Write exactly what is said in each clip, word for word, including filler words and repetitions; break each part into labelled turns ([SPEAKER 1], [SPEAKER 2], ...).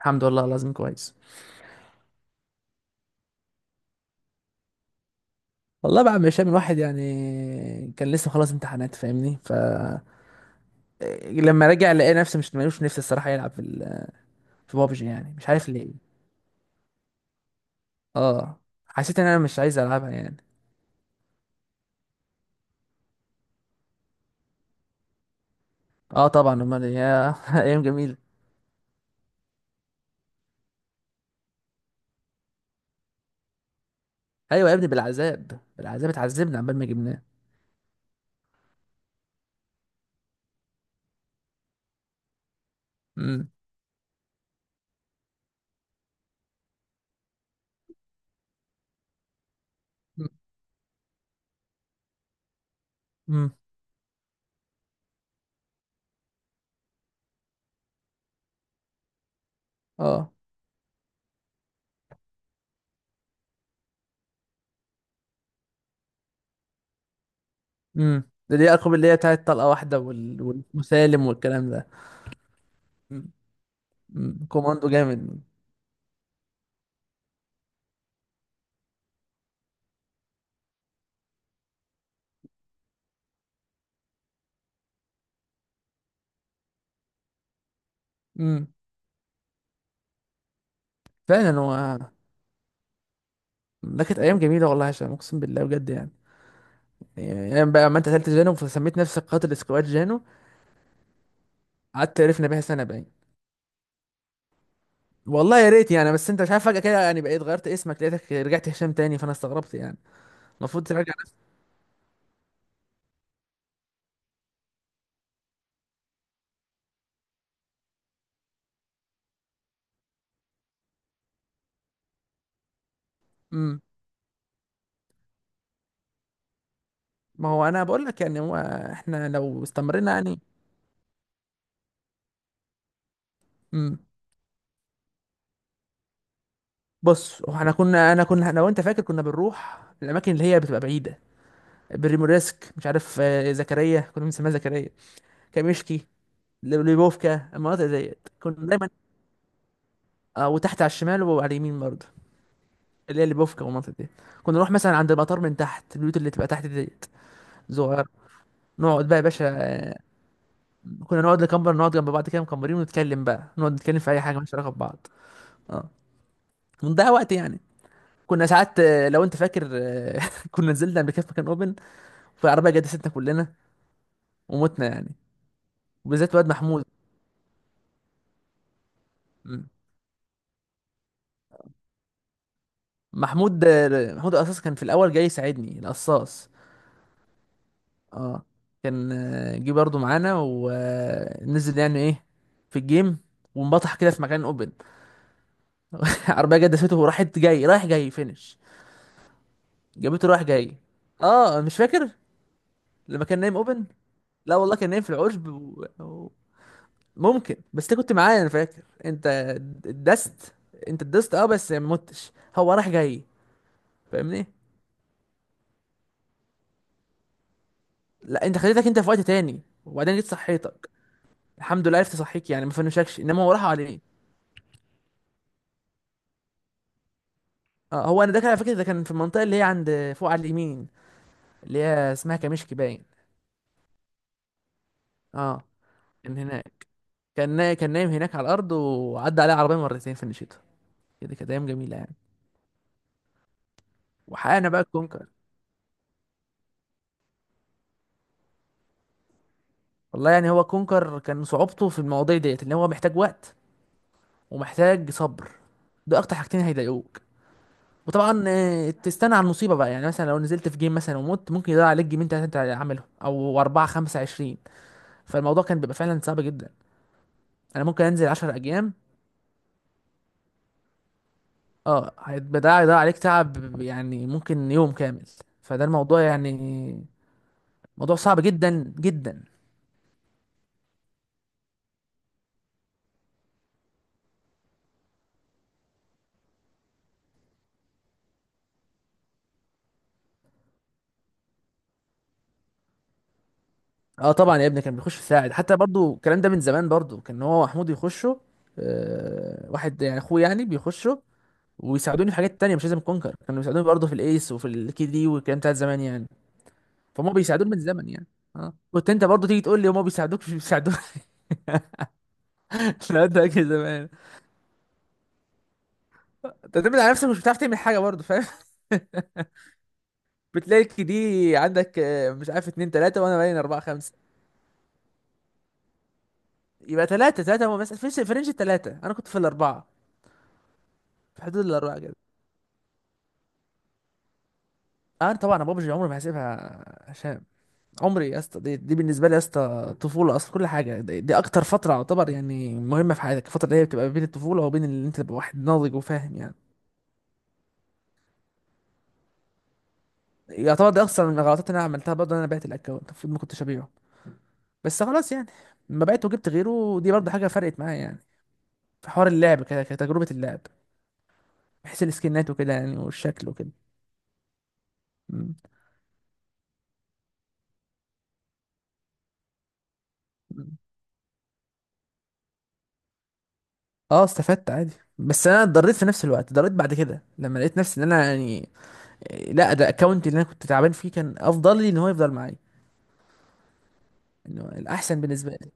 [SPEAKER 1] الحمد لله، لازم كويس. والله بقى مش من واحد يعني. كان لسه خلاص امتحانات فاهمني. ف لما رجع لقى نفسي مش ملوش نفسي الصراحه يلعب في ال... في بابجي يعني مش عارف ليه. اه، حسيت ان انا مش عايز العبها يعني. اه طبعا، امال إيه؟ يا ايام جميله. ايوه يا ابني، بالعذاب بالعذاب اتعذبنا عبال ما جبناه. امم. امم. اه، امم. ده دي اقرب اللي هي بتاعت طلقه واحده وال... والمسالم والكلام ده. امم. أمم. كوماندو جامد. امم. فعلا. هو ده كانت ايام جميله والله يا هشام، اقسم بالله بجد يعني. يعني ايام بقى، ما انت قتلت جانو فسميت نفسك قاتل سكواد جانو، قعدت عرفنا بيها سنه باين. والله يا ريت يعني، بس انت مش عارف فجاه كده يعني، بقيت غيرت اسمك لقيتك رجعت هشام تاني فانا استغربت يعني. المفروض تراجع نفسك. امم. ما هو انا بقول لك يعني، هو احنا لو استمرنا يعني. امم. بص، هو احنا كنا، انا كنا لو انت فاكر كنا بنروح الاماكن اللي هي بتبقى بعيده. بريموريسك مش عارف، آه، زكريا كنا بنسميها زكريا. كاميشكي، ليبوفكا، المناطق ديت كنا دايما. اه، وتحت على الشمال وعلى اليمين برضه. اللي هي اللي بوفكا والمنطقة دي، كنا نروح مثلا عند المطار من تحت البيوت اللي تبقى تحت ديت صغيرة. نقعد بقى يا باشا. آه، كنا نقعد نكمبر، نقعد جنب بعض كده مكمبرين ونتكلم بقى، نقعد نتكلم في أي حاجة مالهاش علاقة ببعض. اه. ونضيع وقت يعني. كنا ساعات آه، لو أنت فاكر، آه، كنا نزلنا قبل كده في مكان أوبن، فالعربية جدستنا كلنا ومتنا يعني. وبالذات واد محمود. م. محمود آه، محمود القصاص كان في الأول جاي يساعدني، القصاص. اه. كان آه، جه برضو معانا ونزل يعني ايه في الجيم، وانبطح كده في مكان اوبن. عربيه جت دسته وراحت، جاي رايح جاي فينش، جابته رايح جاي. اه مش فاكر. لما كان نايم اوبن. لا والله كان نايم في العشب و... و- ممكن. بس انت كنت معايا انا فاكر، انت دست. انت دست اه، بس ما متش، هو رايح جاي فاهمني. لا انت خليتك انت في وقت تاني وبعدين جيت صحيتك. الحمد لله عرفت اصحيك يعني، ما فنشكش انما هو راح عليك. اه هو انا ده كان على فكره، ده كان في المنطقه اللي هي عند فوق على اليمين، اللي هي اسمها كمشك باين. اه كان هناك. كان نا... كان نايم هناك على الارض وعدى عليه عربيه مرتين في الشتاء. كده كانت ايام جميله يعني. وحققنا بقى الكونكر. والله يعني، هو كونكر كان صعوبته في المواضيع ديت ان هو محتاج وقت ومحتاج صبر. ده اكتر حاجتين هيضايقوك. وطبعا آه، تستنى على المصيبه بقى يعني. مثلا لو نزلت في جيم مثلا ومت، ممكن يضيع عليك جيمين تلاته انت عاملهم او اربعه خمسه عشرين. فالموضوع كان بيبقى فعلا صعب جدا. انا ممكن انزل 10 اجيام. اه هيبقى ده، هيضيع عليك تعب يعني ممكن يوم كامل. فده الموضوع يعني. موضوع صعب جدا جدا. اه طبعا يا ابني، كان بيخش في ساعد. حتى برضو الكلام ده من زمان برضو، كان هو محمود يخشوا. آه واحد يعني اخوه، يعني بيخشوا ويساعدوني في حاجات تانية مش لازم كونكر. كانوا بيساعدوني برضو في الايس وفي الكي دي والكلام بتاع زمان يعني. فهم بيساعدوني من زمن يعني. اه كنت انت برضو تيجي تقول لي هما بيساعدوك مش بيساعدوك. لا ده كده زمان. انت تعتمد على نفسك مش بتعرف تعمل حاجه برضو فاهم. بتلاقي دي عندك آه، مش عارف، اتنين تلاتة وانا باين اربعة خمسة. يبقى تلاتة تلاتة، بس في في رينج التلاتة انا كنت في الاربعة. في حدود الاربعة كده. آه، انا طبعا بابجي عمري ما هسيبها. هشام، عمري يا اسطى، دي, دي بالنسبة لي يا اسطى طفولة اصلا. كل حاجة دي, دي اكتر فترة يعتبر يعني مهمة في حياتك، الفترة اللي هي بتبقى بين الطفولة وبين اللي انت تبقى واحد ناضج وفاهم يعني. يعتبر ده اصلا من الغلطات اللي انا عملتها برضه، إن انا بعت الاكونت، المفروض ما كنتش ابيعه، بس خلاص يعني. لما بعته وجبت غيره دي برضه حاجة فرقت معايا يعني، في حوار اللعب كده، كتجربة اللعب، بحيث السكنات وكده يعني والشكل وكده. مم. مم. اه استفدت عادي. بس انا اتضريت في نفس الوقت، اتضريت بعد كده لما لقيت نفسي ان انا يعني إيه، لا ده الاكونت اللي انا كنت تعبان فيه كان افضل لي ان هو يفضل معايا، انه الاحسن بالنسبه لي.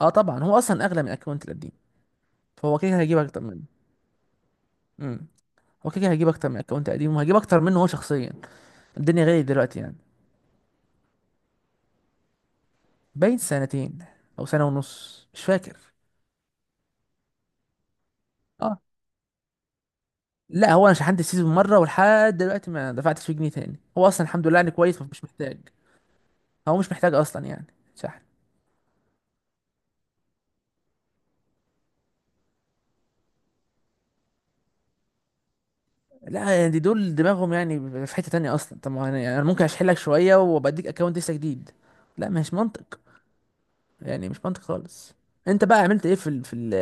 [SPEAKER 1] اه طبعا هو اصلا اغلى من الاكونت القديم، فهو كده كده هيجيب اكتر منه. امم. هو كده كده هيجيب اكتر من الاكونت القديم وهجيب اكتر منه هو شخصيا. الدنيا غالية دلوقتي يعني. باين سنتين او سنه ونص مش فاكر. اه. لا هو انا شحنت السيزون مره ولحد دلوقتي ما دفعتش فيه جنيه تاني. هو اصلا الحمد لله يعني كويس، مش محتاج. هو مش محتاج اصلا يعني شحن. لا يعني دي دول دماغهم يعني في حتة تانية اصلا. طب ما انا يعني، انا ممكن اشحن لك شوية وبديك اكونت لسه جديد. لا، مش منطق. يعني مش منطق خالص. انت بقى عملت ايه في ال في ال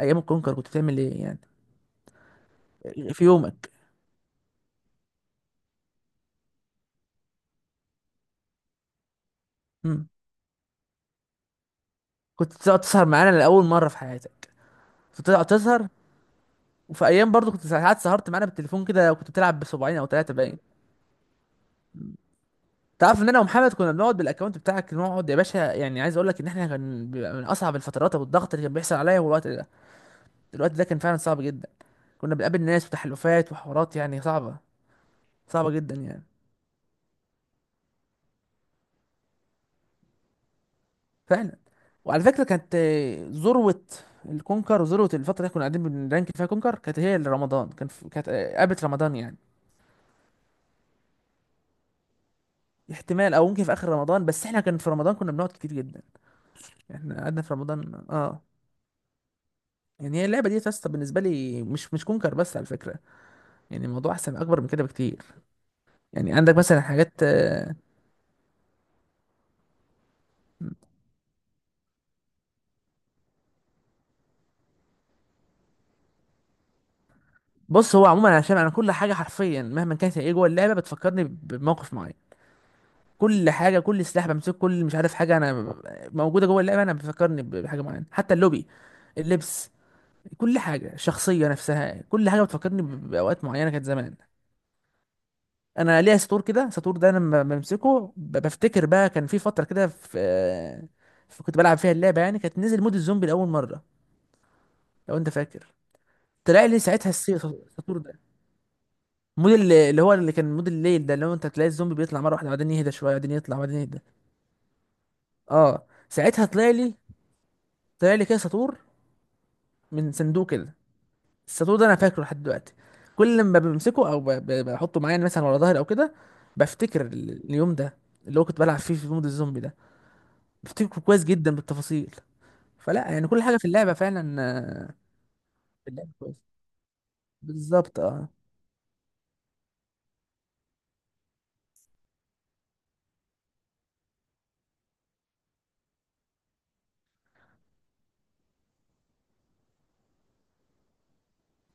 [SPEAKER 1] ايام الكونكر؟ كنت بتعمل ايه يعني في يومك؟ مم. كنت تقعد تسهر معانا لاول مرة في حياتك. كنت تقعد تسهر، وفي ايام برضو كنت ساعات سهرت معانا بالتليفون كده وكنت بتلعب بصباعين او ثلاثة باين. تعرف ان انا ومحمد كنا بنقعد بالاكونت بتاعك نقعد يا باشا، يعني عايز اقول لك ان احنا كان بيبقى من اصعب الفترات، والضغط اللي كان بيحصل عليا هو الوقت ده. الوقت ده كان فعلا صعب جدا. كنا بنقابل ناس وتحالفات وحوارات يعني صعبة، صعبة جدا يعني. فعلا. وعلى فكرة، كانت آه، ذروة الكونكر وذروة الفترة اللي كنا قاعدين بنرانك فيها كونكر، كانت هي اللي رمضان كان في... كانت آه، قبل رمضان يعني. احتمال، او ممكن في اخر رمضان، بس احنا كان في رمضان كنا بنقعد كتير جدا. احنا قعدنا في رمضان اه. يعني هي اللعبة دي يا اسطى بالنسبة لي مش مش كونكر بس على فكرة. يعني الموضوع احسن اكبر من كده بكتير. يعني عندك مثلا حاجات آه، بص هو عموما عشان انا كل حاجه حرفيا مهما كانت هي ايه جوه اللعبه بتفكرني بموقف معين. كل حاجه، كل سلاح بمسكه، كل مش عارف حاجه انا موجوده جوه اللعبه، انا بتفكرني بحاجه معينه. حتى اللوبي، اللبس، كل حاجه، الشخصيه نفسها، كل حاجه بتفكرني ب- باوقات معينه كانت زمان. انا ليا سطور كده، سطور ده انا لما بمسكه ب- بفتكر بقى كان في فتره كده في في- كنت بلعب فيها اللعبه يعني، كانت نزل مود الزومبي لاول مره. لو انت فاكر، طلع لي ساعتها السي- السطور ده. مود اللي, اللي هو اللي كان مود الليل ده، اللي هو انت تلاقي الزومبي بيطلع مره واحده بعدين يهدى شويه بعدين يطلع بعدين يهدى. اه ساعتها طلع لي، طلع لي كده سطور من صندوق كده. السطور ده انا فاكره لحد دلوقتي. كل ما بمسكه او ب- ب- بحطه معايا يعني مثلا ورا ظهري او كده، بفتكر ال- اليوم ده اللي هو كنت بلعب فيه في مود الزومبي ده، بفتكره كويس جدا بالتفاصيل. فلا يعني كل حاجه في اللعبه فعلا آه، في اللعبه كويس بالظبط اه.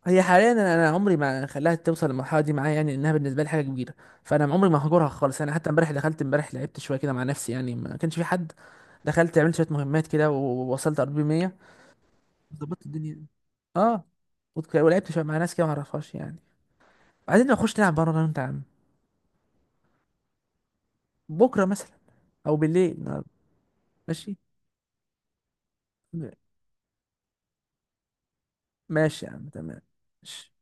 [SPEAKER 1] هي حاليا انا أنا عمري ما خلاها توصل للمرحله دي معايا يعني، انها بالنسبه لي حاجه كبيره. فانا عمري ما هجرها خالص. انا حتى امبارح دخلت، امبارح لعبت شويه كده مع نفسي يعني ما كانش في حد. دخلت عملت شويه مهمات كده ووصلت ار بي مية. ظبطت الدنيا. اه وك- ولعبت شويه مع ناس كده ما اعرفهاش يعني. عايزين نخش نلعب بره انا وانت يا عم؟ بكره مثلا او بالليل النهاردة. ماشي. ماشي يا عم تمام. ماشي.